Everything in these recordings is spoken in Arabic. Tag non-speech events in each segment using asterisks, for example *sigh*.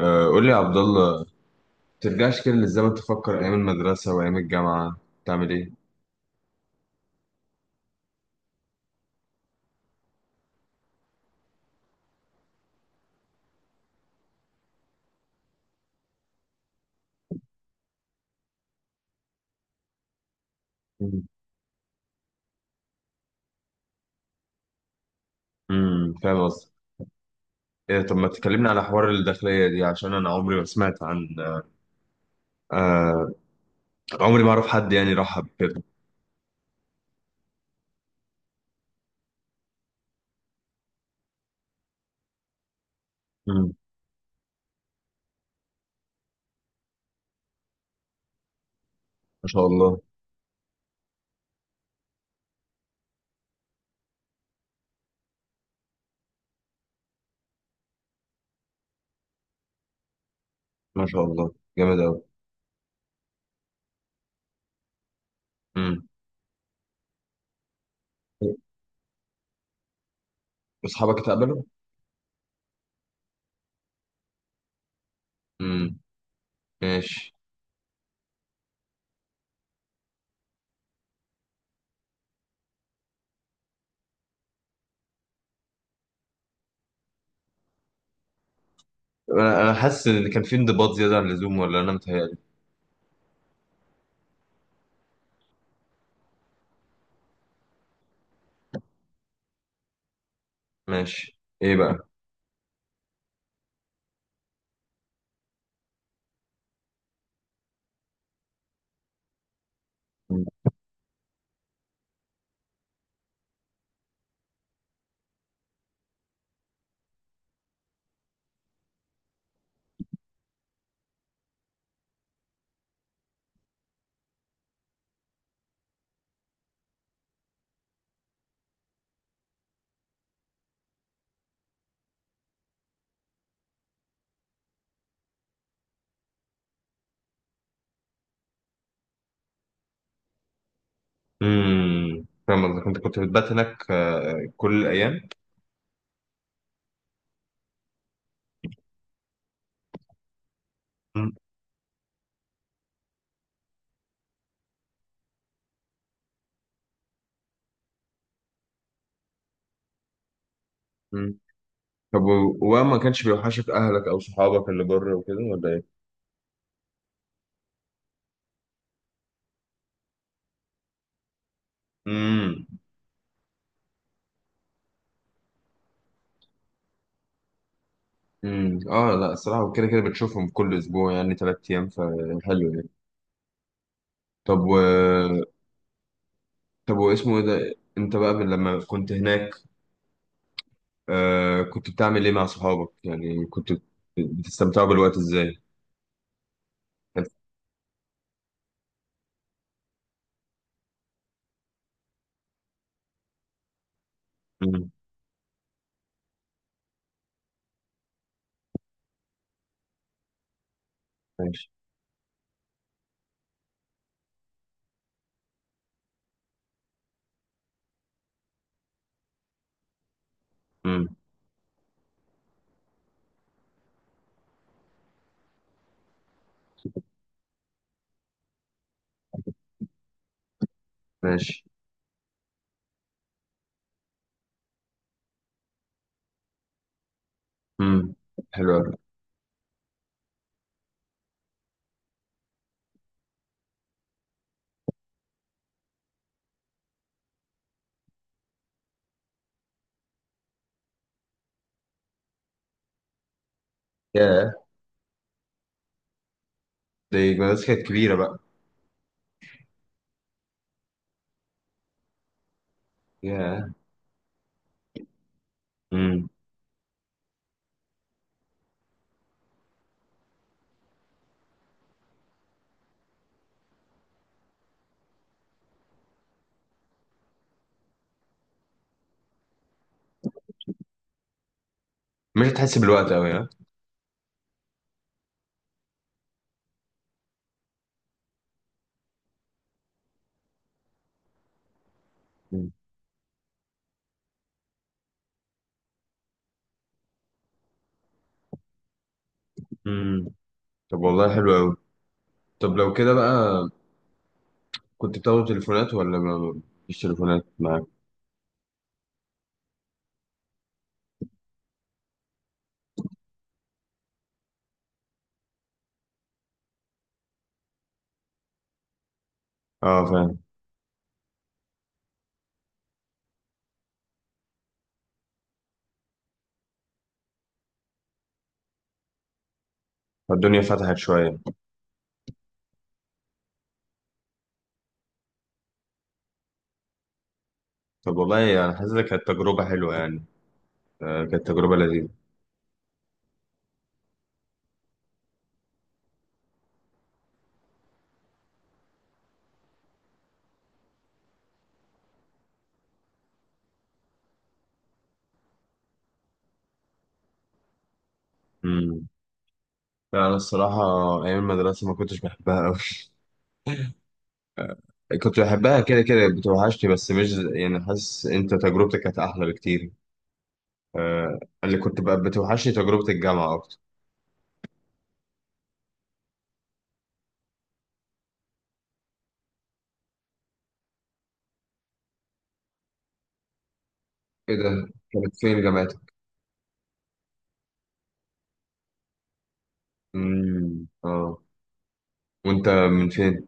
آه، قول لي يا عبد الله. ترجعش كده للزمن تفكر ايام المدرسه وايام الجامعه تعمل ايه؟ مم. فاهم قصدي. إيه، طب ما تكلمني على حوار الداخليه دي عشان انا عمري ما سمعت عن، آه عمري ما اعرف حد يعني راح كده. امم. ما شاء الله. ما شاء الله، جامد قوي. امم. اصحابك اتقبلوا؟ امم، ماشي. انا حاسس ان كان في انضباط زياده عن اللزوم، ولا انا متهيألي؟ ماشي، ايه بقى؟ فاهم قصدك. انت كنت بتبات هناك كل الايام؟ مم. طب، و- وما كانش بيوحشك اهلك او صحابك اللي بره وكده ولا ايه؟ امم. اه، لا الصراحه كده كده بتشوفهم كل اسبوع يعني 3 ايام، فحلو يعني. طب طب واسمه ايه ده، انت بقى من لما كنت هناك، كنت بتعمل ايه مع صحابك؟ يعني كنت بتستمتعوا بالوقت ازاي؟ حلو. امم، ماشي. امم، ماشي. امم، حلو قوي. ياه، دي مدرسة كانت كبيرة بقى. ياه. امم. مش هتحس بالوقت قوي، ها؟ امم. طب والله، حلو قوي. طب لو كده بقى، كنت بتاخد تليفونات ولا ما فيش تليفونات معاك؟ اه، فاهم. الدنيا فتحت شوية. طب والله، أنا حاسسها كانت تجربة حلوة يعني. آه، كانت تجربة لذيذة. امم. لا، أنا الصراحة أيام المدرسة ما كنتش بحبها أوي. *laughs* كنت بحبها، كده كده بتوحشني، بس مش ز- يعني حاسس أنت تجربتك كانت أحلى بكتير. آه، اللي كنت بقى بتوحشني تجربة الجامعة أكتر. إيه ده؟ كانت فين جامعتك؟ امم، اه. وأنت من فين؟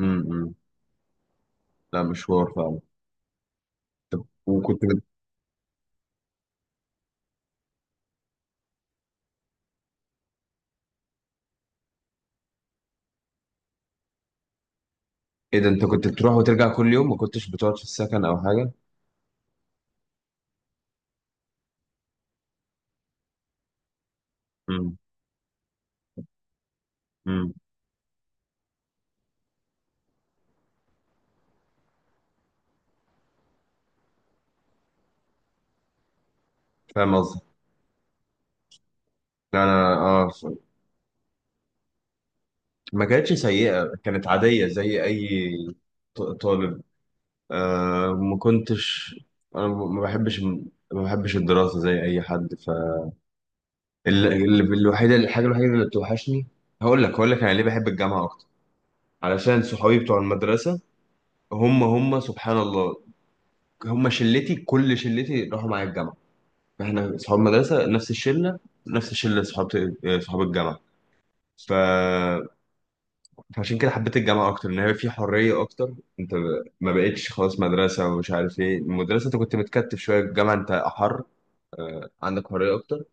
امم. لا، مشوار فعلا. طب وكنت. ايه ده، انت كنت بتروح وترجع كل يوم، ما كنتش بتقعد في السكن او حاجه؟ امم. امم فاهم قصدك. لا، انا ما كانتش سيئه، كانت عاديه زي اي. طالب. ما كنتش، انا ما بحبش الدراسه زي اي حد ف. ال- ال- الوحيده الحاجه الوحيده اللي بتوحشني. هقول لك انا ليه بحب الجامعه اكتر، علشان صحابي بتوع المدرسه. هم سبحان الله. هم شلتي، كل شلتي راحوا معايا الجامعه. احنا اصحاب مدرسه نفس الشله اصحاب الجامعه. ف... فعشان كده حبيت الجامعه اكتر، ان هي في حريه اكتر. انت ما بقتش خلاص مدرسه ومش عارف ايه المدرسه، انت كنت متكتف شويه. الجامعه انت احر، عندك حريه اكتر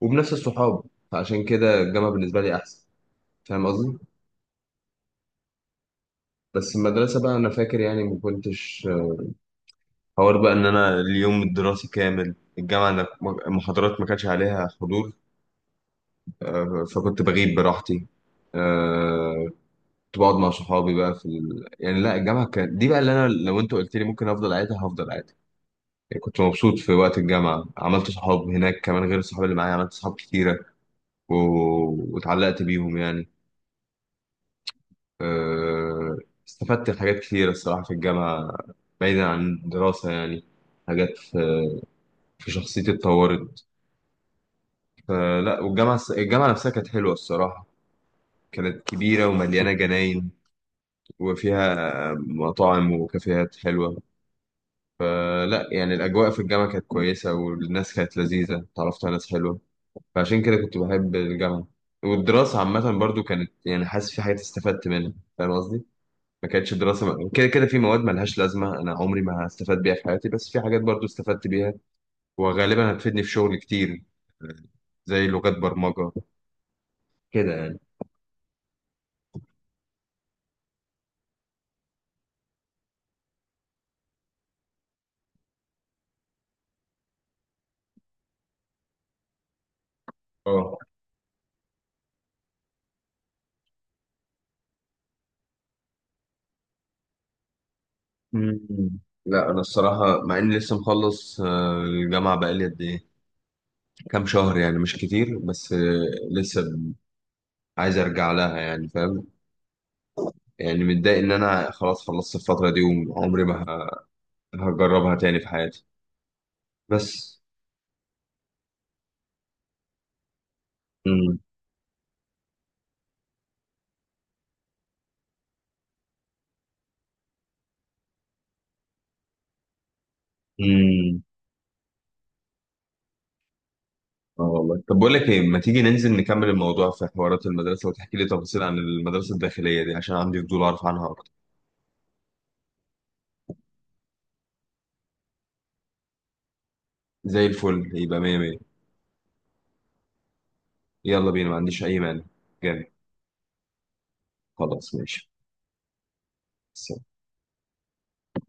وبنفس الصحاب، فعشان كده الجامعه بالنسبه لي احسن. فاهم قصدي؟ بس المدرسه بقى، انا فاكر يعني ما كنتش حوار بقى ان انا اليوم الدراسي كامل الجامعه، أنا المحاضرات ما كانش عليها حضور. فكنت بغيب براحتي. آه، كنت بقعد مع صحابي بقى يعني لا، الجامعة كانت دي بقى اللي أنا لو أنت قلت لي ممكن أفضل قاعدها هفضل قاعدها. يعني كنت مبسوط في وقت الجامعة، عملت صحاب هناك كمان غير الصحاب اللي معايا، عملت صحاب كتيرة و... واتعلقت بيهم يعني. أه... استفدت حاجات كتيرة الصراحة في الجامعة، بعيدا عن الدراسة يعني. حاجات في شخصيتي اتطورت. فلا، والجامعة نفسها كانت حلوة الصراحة، كانت كبيرة ومليانة جناين، وفيها مطاعم وكافيهات حلوة. فلا يعني، الأجواء في الجامعة كانت كويسة، والناس كانت لذيذة، اتعرفت على ناس حلوة، فعشان كده كنت بحب الجامعة. والدراسة عامة برضو كانت يعني، حاسس في حاجات استفدت منها. فاهم قصدي؟ ما كانتش دراسة كده كده في مواد ملهاش لازمة، أنا عمري ما هستفاد بيها في حياتي، بس في حاجات برضو استفدت بيها، وغالبا هتفيدني في شغل كتير، زي لغات برمجة كده يعني. اه. مم. لا، أنا الصراحة مع إني لسه مخلص، الجامعة بقالي قد إيه؟ كام شهر يعني، مش كتير، بس لسه عايز ارجع لها يعني، فاهم؟ يعني متضايق ان انا خلاص خلصت الفتره دي، وعمري ما هجربها تاني في حياتي. بس. امم. امم. اه والله، طب بقول لك ايه، ما تيجي ننزل نكمل الموضوع في حوارات المدرسه، وتحكي لي تفاصيل عن المدرسه الداخليه دي عشان عندي فضول اعرف عنها اكتر. زي الفل، يبقى مية مية. يلا بينا، ما عنديش اي مانع. جامد. خلاص، ماشي.